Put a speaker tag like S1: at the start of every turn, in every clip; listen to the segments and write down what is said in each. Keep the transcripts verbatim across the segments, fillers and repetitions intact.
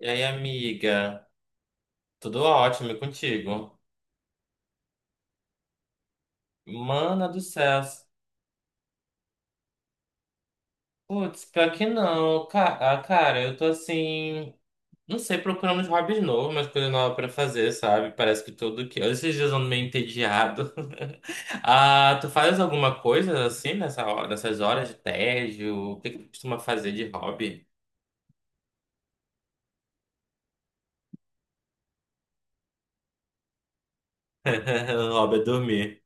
S1: E aí, amiga? Tudo ótimo e contigo? Mana do céu. Putz, pior que não. Cara, cara, eu tô assim. Não sei, procurando uns hobbies novos, umas coisas novas pra fazer, sabe? Parece que tudo que. Esses dias eu ando meio entediado. Ah, tu faz alguma coisa assim nessa hora, nessas horas de tédio? O que que tu costuma fazer de hobby? O hobby é dormir.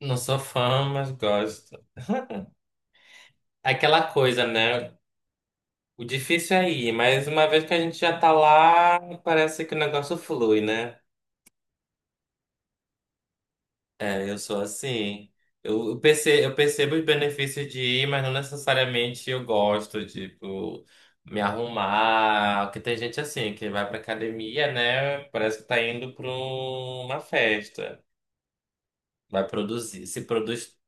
S1: Não sou fã, mas gosto. Aquela coisa, né? O difícil é ir, mas uma vez que a gente já tá lá, parece que o negócio flui, né? É, eu sou assim. Eu, eu perce- eu percebo os benefícios de ir, mas não necessariamente eu gosto, tipo, me arrumar. Porque tem gente assim, que vai pra academia, né? Parece que tá indo pra um- uma festa. Vai produzir, se produz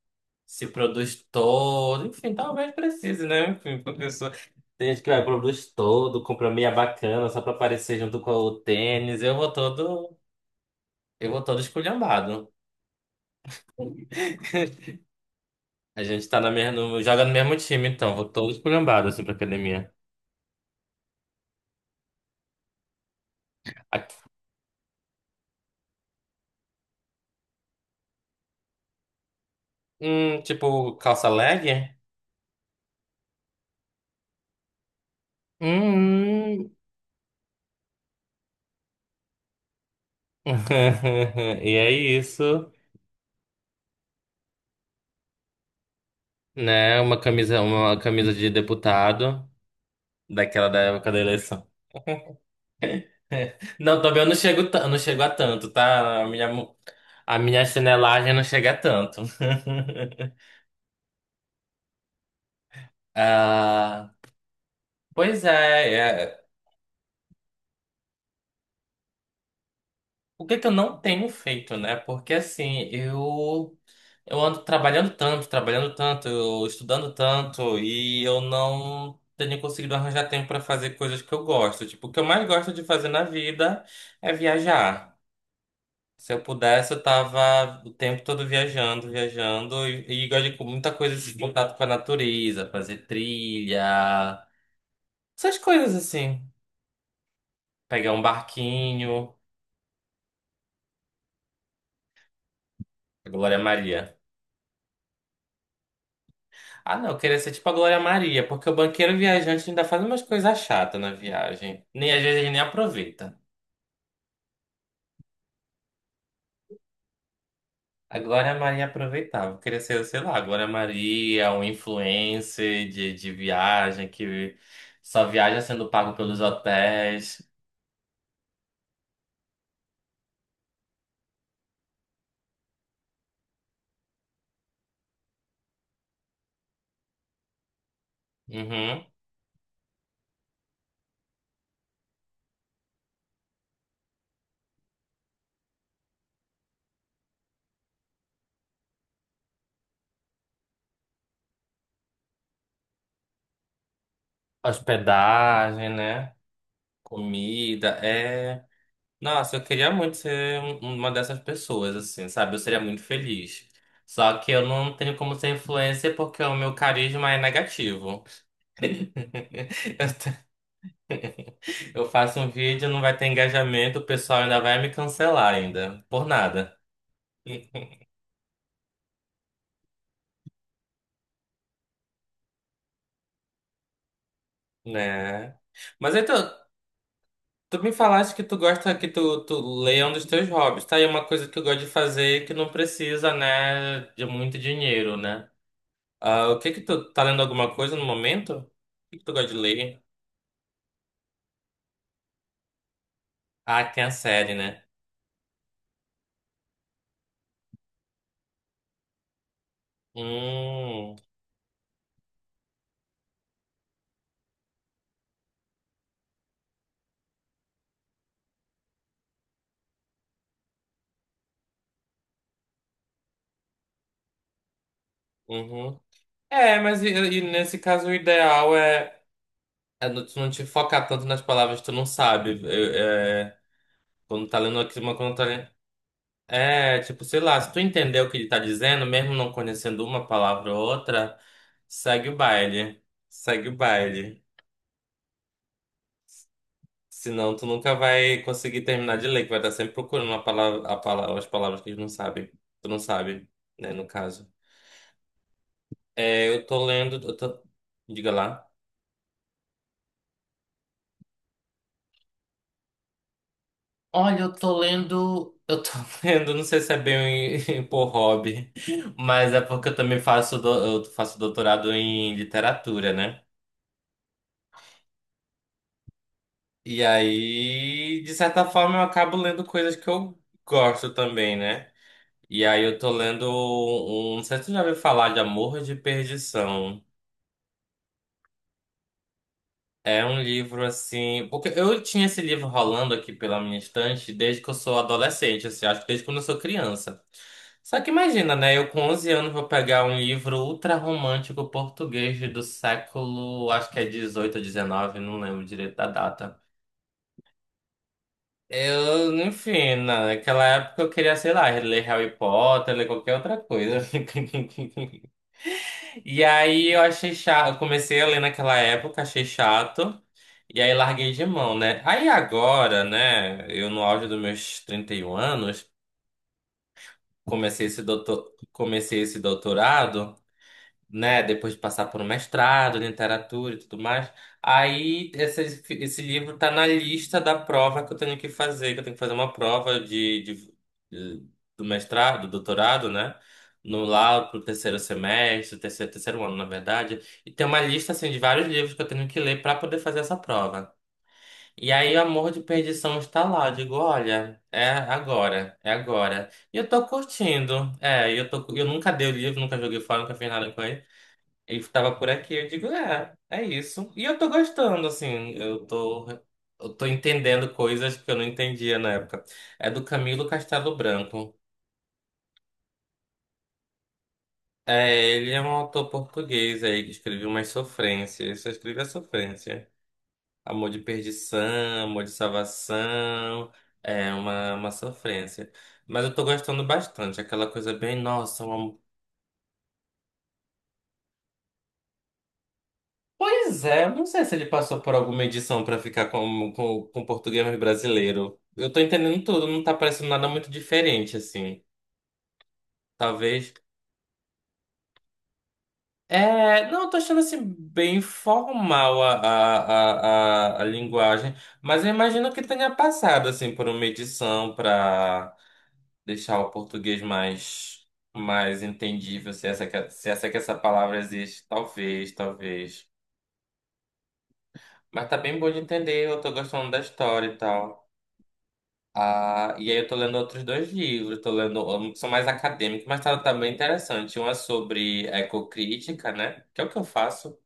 S1: se produz todo, enfim, talvez precise, né? Enfim, pra pessoa. Tem gente que vai, produz todo, compra meia bacana só pra aparecer junto com o tênis. Eu vou todo, eu vou todo esculhambado. A gente tá na mesma, no- joga no mesmo time, então, vou todo esculhambado assim pra academia. Aqui- Hum, tipo, calça leg? Hum. E é isso, né? Uma camisa, uma camisa de deputado, daquela da época da eleição. Não, também eu não chego, ta- eu não chego a tanto, tá? A minha, mu- a minha chinelagem não chega a tanto. Ah, pois é, é. O que que eu não tenho feito, né? Porque assim, eu eu ando trabalhando tanto, trabalhando tanto, eu estudando tanto e eu não tenho conseguido arranjar tempo para fazer coisas que eu gosto. Tipo, o que eu mais gosto de fazer na vida é viajar. Se eu pudesse, eu tava o tempo todo viajando, viajando e, e gosto de com muita coisa de contato com a natureza, fazer trilha, essas coisas assim. Pegar um barquinho, a Glória Maria. Ah, não, eu queria ser tipo a Glória Maria, porque o banqueiro viajante ainda faz umas coisas chatas na viagem. Nem às vezes ele nem aproveita. A Glória Maria aproveitava. Eu queria ser, sei lá, a Glória Maria, um influencer de, de viagem que só viaja sendo pago pelos hotéis. Uhum. Hospedagem, né? Comida, é. Nossa, eu queria muito ser um- uma dessas pessoas, assim, sabe? Eu seria muito feliz. Só que eu não tenho como ser influencer porque o meu carisma é negativo. Eu t- eu faço um vídeo, não vai ter engajamento, o pessoal ainda vai me cancelar ainda, por nada, né? Mas então, tu me falaste que tu gosta que tu, tu leia um dos teus hobbies, tá? E uma coisa que eu gosto de fazer que não precisa, né, de muito dinheiro, né? Ah, o que que tu tá lendo alguma coisa no momento? O que que tu gosta de ler? Ah, tem a série, né? Hum, uhum. É, mas e, e nesse caso o ideal é, é não- tu não te focar tanto nas palavras que tu não sabe. É, é, quando tá lendo aqui uma quando tá lendo... É, tipo, sei lá, se tu entender o que ele tá dizendo, mesmo não conhecendo uma palavra ou outra, segue o baile. Segue o baile. Senão tu nunca vai conseguir terminar de ler, que vai estar sempre procurando a palavra, a palavra, as palavras que eles não sabem. Tu não sabe, né, no caso. É, eu tô lendo, eu tô... Diga lá. Olha, eu tô lendo, eu tô lendo, não sei se é bem por hobby, mas é porque eu também faço, do- eu faço doutorado em literatura, né? E aí, de certa forma, eu acabo lendo coisas que eu gosto também, né? E aí eu tô lendo um, um, não sei se tu já ouviu falar de Amor de Perdição. É um livro assim. Porque eu tinha esse livro rolando aqui pela minha estante desde que eu sou adolescente, assim, acho que desde quando eu sou criança. Só que imagina, né? Eu com onze anos vou pegar um livro ultra romântico português do século, acho que é dezoito ou dezenove, não lembro direito da data. Eu, enfim, naquela época eu queria, sei lá, ler Harry Potter, ler qualquer outra coisa. E aí eu achei chato, eu comecei a ler naquela época, achei chato, e aí larguei de mão, né? Aí agora, né, eu no auge dos meus trinta e um anos, comecei esse doutor, comecei esse doutorado, né, depois de passar por um mestrado, em literatura e tudo mais. Aí esse, esse livro tá na lista da prova que eu tenho que fazer, que eu tenho que fazer uma prova de, de- de- do mestrado, do doutorado, né? No lá pro terceiro semestre, terceiro, terceiro ano, na verdade. E tem uma lista assim de vários livros que eu tenho que ler para poder fazer essa prova. E aí o Amor de Perdição está lá. Eu digo, olha, é agora, é agora. E eu tô curtindo. É, e eu tô, eu nunca dei o livro, nunca joguei fora, nunca fiz nada com ele. Ele tava por aqui, eu digo, é, é isso. E eu tô gostando, assim, eu tô, eu tô entendendo coisas que eu não entendia na época. É do Camilo Castelo Branco. É, ele é um autor português aí que escreveu umas sofrências. Ele só escreve a sofrência. Amor de perdição, amor de salvação. É uma, uma sofrência. Mas eu tô gostando bastante. Aquela coisa bem, nossa, um amor. Pois é, não sei se ele passou por alguma edição pra ficar com, com, com português mais brasileiro. Eu tô entendendo tudo, não tá parecendo nada muito diferente, assim. Talvez. É, não, eu tô achando assim bem formal a, a, a, a, a linguagem, mas eu imagino que tenha passado assim por uma edição para deixar o português mais, mais entendível, se essa, que- se essa que essa palavra existe, talvez, talvez. Mas tá bem bom de entender, eu tô gostando da história e tal. Ah, e aí eu tô lendo outros dois livros, tô lendo um que são mais acadêmicos, mas tá também interessante. Um é sobre ecocrítica, né? Que é o que eu faço.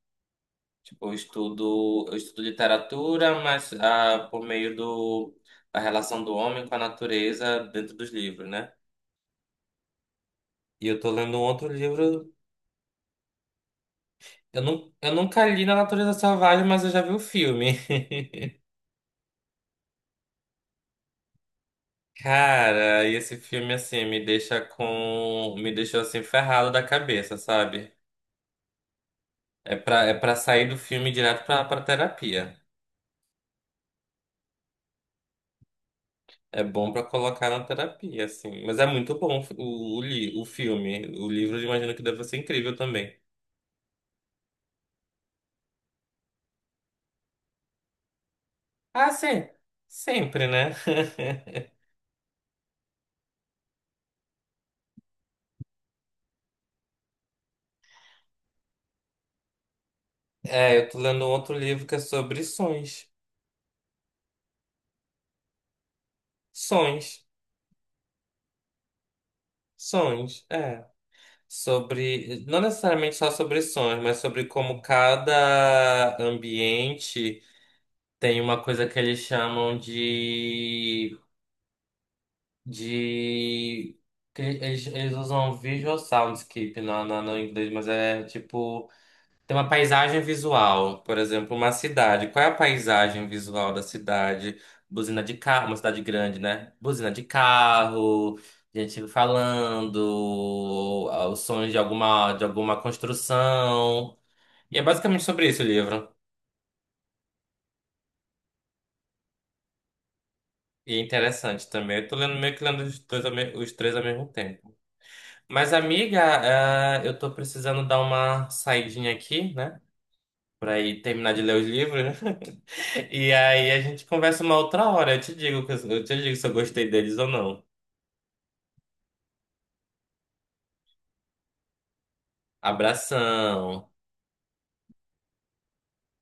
S1: Tipo, eu estudo, eu estudo literatura, mas ah, por meio do, da relação do homem com a natureza dentro dos livros, né? E eu tô lendo um outro livro. Eu, não, eu nunca li Na Natureza Selvagem, mas eu já vi o filme. Cara, e esse filme assim me deixa com. Me deixou assim ferrado da cabeça, sabe? É pra, é pra sair do filme direto pra, pra terapia. É bom pra colocar na terapia, assim. Mas é muito bom o, o, li- o filme. O livro, eu imagino que deve ser incrível também. Ah, sim. Sempre, né? É, eu tô lendo outro livro que é sobre sonhos. Sonhos. Sonhos, é. Sobre, não necessariamente só sobre sonhos, mas sobre como cada ambiente tem uma coisa que eles chamam de de. Que Eles, eles usam visual soundscape na, na, no inglês, mas é tipo. Tem uma paisagem visual, por exemplo, uma cidade. Qual é a paisagem visual da cidade? Buzina de carro, uma cidade grande, né? Buzina de carro, gente falando, ah, os sons de alguma, de alguma construção. E é basicamente sobre isso o livro. E é interessante também. Eu tô lendo meio que lendo os dois, ao me- os três ao mesmo tempo. Mas, amiga, ah, eu tô precisando dar uma saidinha aqui, né? Pra ir terminar de ler os livros. E aí a gente conversa uma outra hora. Eu te digo, que- eu te digo se eu gostei deles ou não. Abração.